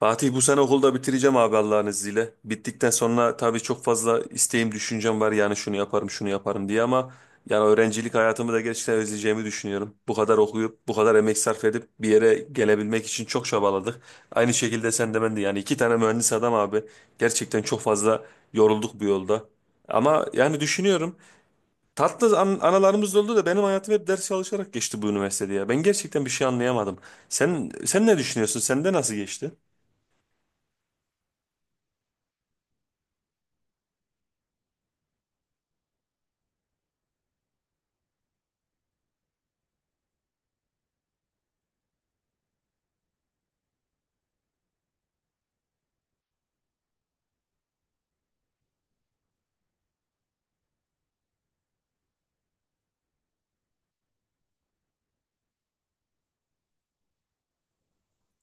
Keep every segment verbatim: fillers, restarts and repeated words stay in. Fatih, bu sene okulda bitireceğim abi Allah'ın izniyle. Bittikten sonra tabii çok fazla isteğim, düşüncem var, yani şunu yaparım, şunu yaparım diye ama yani öğrencilik hayatımı da gerçekten özleyeceğimi düşünüyorum. Bu kadar okuyup, bu kadar emek sarf edip bir yere gelebilmek için çok çabaladık. Aynı şekilde sen de ben de, yani iki tane mühendis adam abi. Gerçekten çok fazla yorulduk bu yolda. Ama yani düşünüyorum, tatlı an anılarımız da oldu da benim hayatım hep ders çalışarak geçti bu üniversitede ya. Ben gerçekten bir şey anlayamadım. Sen sen ne düşünüyorsun? Sende nasıl geçti?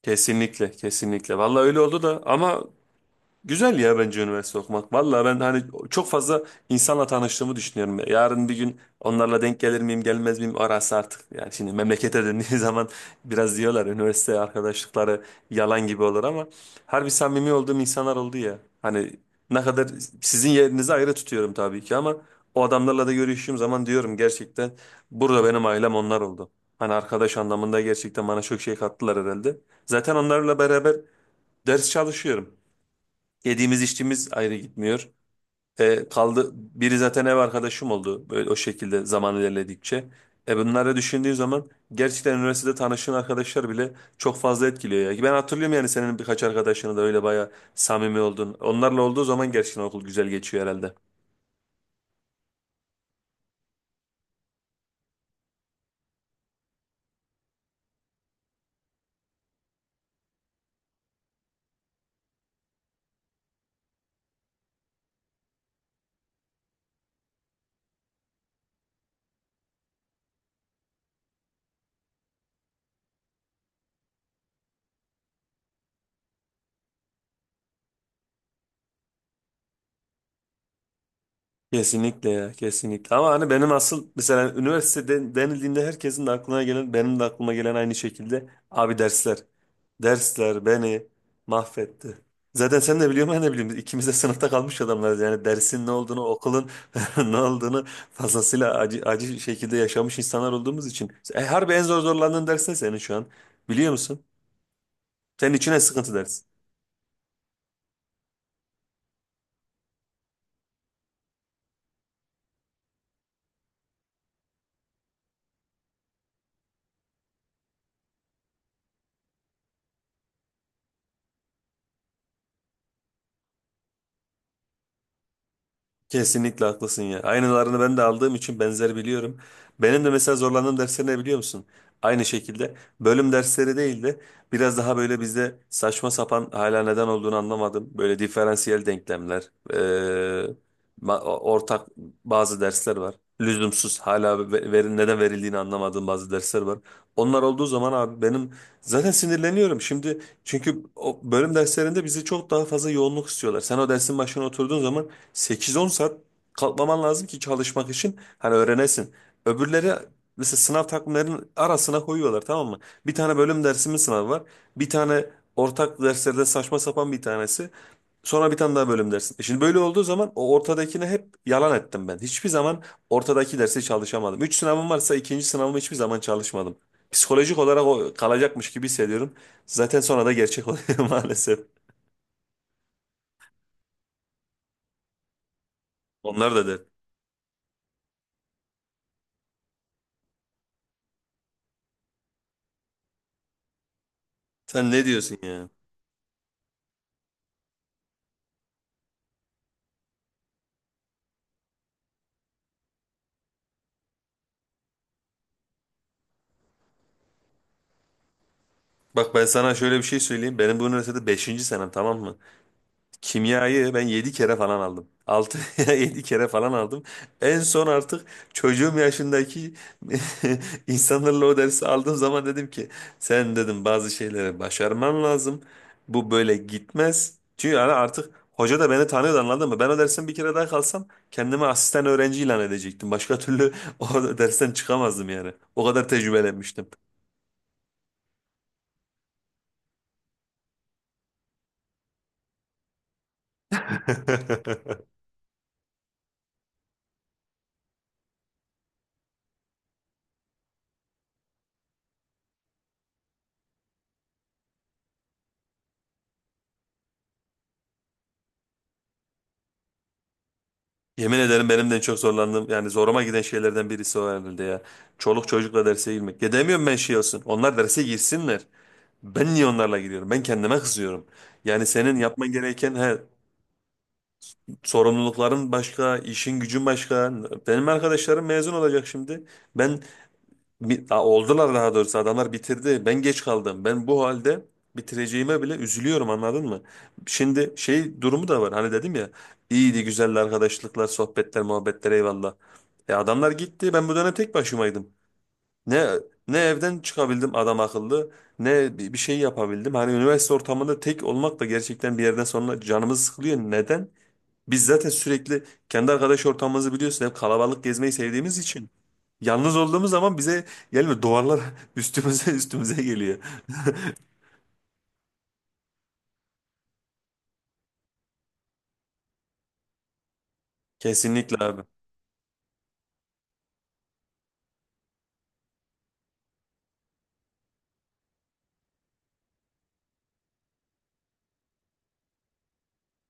Kesinlikle, kesinlikle. Vallahi öyle oldu da ama güzel ya, bence üniversite okumak. Valla ben hani çok fazla insanla tanıştığımı düşünüyorum. Yarın bir gün onlarla denk gelir miyim gelmez miyim arası artık. Yani şimdi memlekete döndüğü zaman biraz diyorlar üniversite arkadaşlıkları yalan gibi olur ama harbi samimi olduğum insanlar oldu ya. Hani ne kadar sizin yerinizi ayrı tutuyorum tabii ki ama o adamlarla da görüştüğüm zaman diyorum, gerçekten burada benim ailem onlar oldu. Hani arkadaş anlamında gerçekten bana çok şey kattılar herhalde. Zaten onlarla beraber ders çalışıyorum. Yediğimiz içtiğimiz ayrı gitmiyor. E, kaldı biri zaten ev arkadaşım oldu, böyle o şekilde zaman ilerledikçe. E, bunları düşündüğün zaman gerçekten üniversitede tanıştığın arkadaşlar bile çok fazla etkiliyor ya. Ben hatırlıyorum, yani senin birkaç arkadaşını da öyle bayağı samimi oldun. Onlarla olduğu zaman gerçekten okul güzel geçiyor herhalde. Kesinlikle ya, kesinlikle, ama hani benim asıl mesela üniversite den- denildiğinde herkesin de aklına gelen benim de aklıma gelen aynı şekilde abi dersler. Dersler beni mahvetti. Zaten sen de biliyorsun ben de biliyorum, biz ikimiz de sınıfta kalmış adamlarız yani dersin ne olduğunu, okulun ne olduğunu fazlasıyla acı, acı şekilde yaşamış insanlar olduğumuz için. E, harbi en zor zorlandığın ders ne senin şu an, biliyor musun? Senin için en sıkıntı ders. Kesinlikle haklısın ya. Aynılarını ben de aldığım için benzer biliyorum. Benim de mesela zorlandığım dersler ne biliyor musun? Aynı şekilde bölüm dersleri değil de biraz daha böyle bizde saçma sapan, hala neden olduğunu anlamadım. Böyle diferansiyel denklemler, eee, ma- ortak bazı dersler var. Lüzumsuz hala ve- verin, neden verildiğini anlamadığım bazı dersler var. Onlar olduğu zaman abi benim zaten sinirleniyorum. Şimdi çünkü o bölüm derslerinde bizi çok daha fazla yoğunluk istiyorlar. Sen o dersin başına oturduğun zaman sekiz on saat kalkmaman lazım ki çalışmak için hani öğrenesin. Öbürleri mesela sınav takvimlerinin arasına koyuyorlar, tamam mı? Bir tane bölüm dersimin sınavı var. Bir tane ortak derslerden saçma sapan bir tanesi. Sonra bir tane daha bölüm dersi. E, şimdi böyle olduğu zaman o ortadakini hep yalan ettim ben. Hiçbir zaman ortadaki dersi çalışamadım. Üç sınavım varsa ikinci sınavımı hiçbir zaman çalışmadım. Psikolojik olarak o kalacakmış gibi hissediyorum. Zaten sonra da gerçek oluyor maalesef. Onlar da der. Sen ne diyorsun ya? Bak, ben sana şöyle bir şey söyleyeyim. Benim bu üniversitede beşinci senem, tamam mı? Kimyayı ben yedi kere falan aldım. Altı ya yedi kere falan aldım. En son artık çocuğum yaşındaki insanlarla o dersi aldığım zaman dedim ki sen, dedim, bazı şeyleri başarman lazım. Bu böyle gitmez. Çünkü yani artık hoca da beni tanıyordu, anladın mı? Ben o dersten bir kere daha kalsam kendimi asistan öğrenci ilan edecektim. Başka türlü o dersten çıkamazdım yani. O kadar tecrübelenmiştim. Yemin ederim benim de en çok zorlandığım, yani zoruma giden şeylerden birisi o herhalde ya. Çoluk çocukla derse girmek. Ya demiyorum ben şey olsun, onlar derse girsinler. Ben niye onlarla gidiyorum? Ben kendime kızıyorum. Yani senin yapman gereken he, sorumlulukların başka, işin gücün başka. Benim arkadaşlarım mezun olacak şimdi. Ben Bi- a- oldular daha doğrusu, adamlar bitirdi. Ben geç kaldım. Ben bu halde bitireceğime bile üzülüyorum, anladın mı? Şimdi şey durumu da var. Hani dedim ya, iyiydi güzeldi arkadaşlıklar, sohbetler, muhabbetler, eyvallah. E, adamlar gitti. Ben bu dönem tek başımaydım. Ne ne evden çıkabildim adam akıllı ne bi- bir şey yapabildim. Hani üniversite ortamında tek olmak da gerçekten bir yerden sonra canımız sıkılıyor. Neden? Biz zaten sürekli kendi arkadaş ortamımızı biliyorsun, hep kalabalık gezmeyi sevdiğimiz için. Yalnız olduğumuz zaman bize gelmiyor. Duvarlar üstümüze üstümüze geliyor. Kesinlikle abi.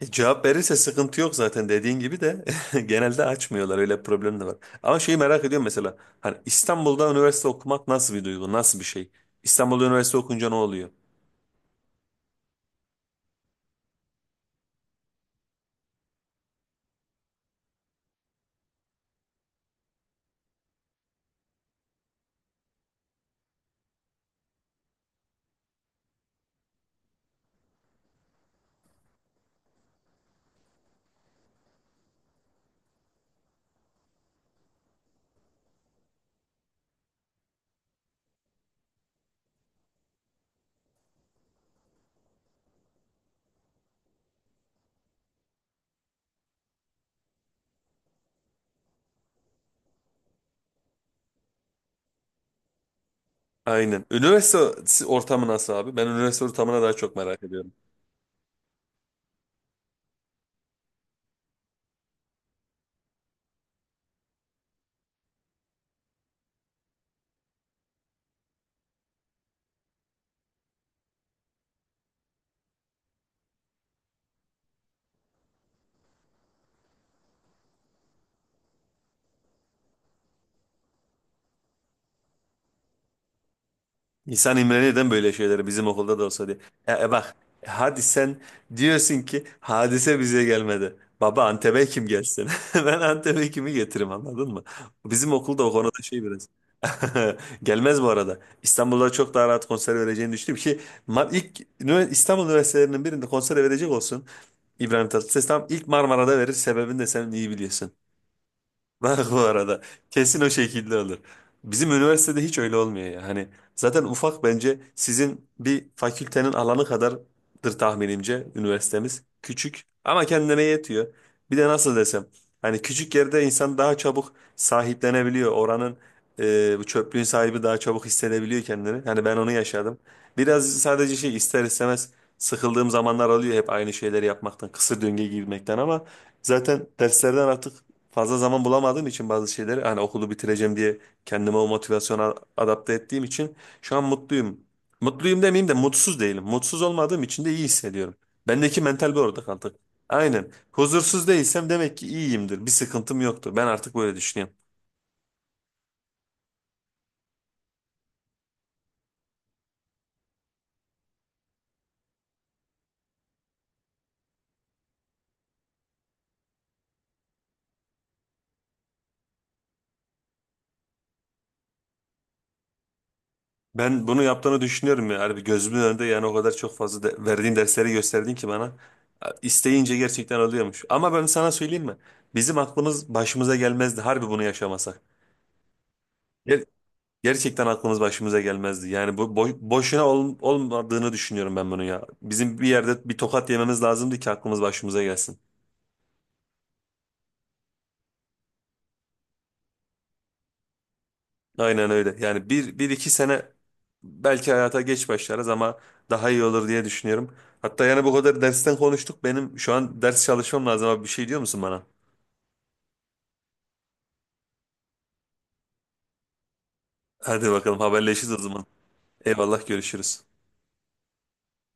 E, cevap verirse sıkıntı yok zaten, dediğin gibi de genelde açmıyorlar, öyle bir problem de var. Ama şeyi merak ediyorum mesela, hani İstanbul'da üniversite okumak nasıl bir duygu, nasıl bir şey? İstanbul'da üniversite okunca ne oluyor? Aynen. Üniversite ortamı nasıl abi? Ben üniversite ortamına daha çok merak ediyorum. İnsan imrenir, neden böyle şeyleri bizim okulda da olsa diye. E, e, bak, hadi sen diyorsun ki Hadise bize gelmedi. Baba, Antep'e kim gelsin? Ben Antep'e kimi getiririm, anladın mı? Bizim okulda o konuda şey biraz. Gelmez bu arada. İstanbul'da çok daha rahat konser vereceğini düşündüm ki ma- ilk ünivers- İstanbul üniversitelerinin birinde konser verecek olsun. İbrahim Tatlıses tam ilk Marmara'da verir, sebebini de sen iyi biliyorsun. Bak bu arada, kesin o şekilde olur. Bizim üniversitede hiç öyle olmuyor ya. Hani zaten ufak, bence sizin bir fakültenin alanı kadardır tahminimce üniversitemiz. Küçük ama kendine yetiyor. Bir de nasıl desem, hani küçük yerde insan daha çabuk sahiplenebiliyor. Oranın, e, bu çöplüğün sahibi daha çabuk hissedebiliyor kendini. Hani ben onu yaşadım. Biraz sadece şey, ister istemez sıkıldığım zamanlar oluyor, hep aynı şeyleri yapmaktan, kısır döngüye girmekten, ama zaten derslerden artık fazla zaman bulamadığım için bazı şeyleri, hani okulu bitireceğim diye kendime o motivasyona adapte ettiğim için şu an mutluyum. Mutluyum demeyeyim de mutsuz değilim. Mutsuz olmadığım için de iyi hissediyorum. Bendeki mental bir orada kaldı. Aynen. Huzursuz değilsem demek ki iyiyimdir. Bir sıkıntım yoktur. Ben artık böyle düşünüyorum. Ben bunu yaptığını düşünüyorum ya. Harbi gözümün önünde, yani o kadar çok fazla de- verdiğin dersleri gösterdin ki bana. İsteyince gerçekten oluyormuş. Ama ben sana söyleyeyim mi? Bizim aklımız başımıza gelmezdi harbi bunu yaşamasak. Gerçekten aklımız başımıza gelmezdi. Yani bu boy- boşuna ol- olmadığını düşünüyorum ben bunu ya. Bizim bir yerde bir tokat yememiz lazımdı ki aklımız başımıza gelsin. Aynen öyle. Yani bir, bir iki sene belki hayata geç başlarız ama daha iyi olur diye düşünüyorum. Hatta yani bu kadar dersten konuştuk. Benim şu an ders çalışmam lazım abi. Bir şey diyor musun bana? Hadi bakalım, haberleşiriz o zaman. Eyvallah, görüşürüz.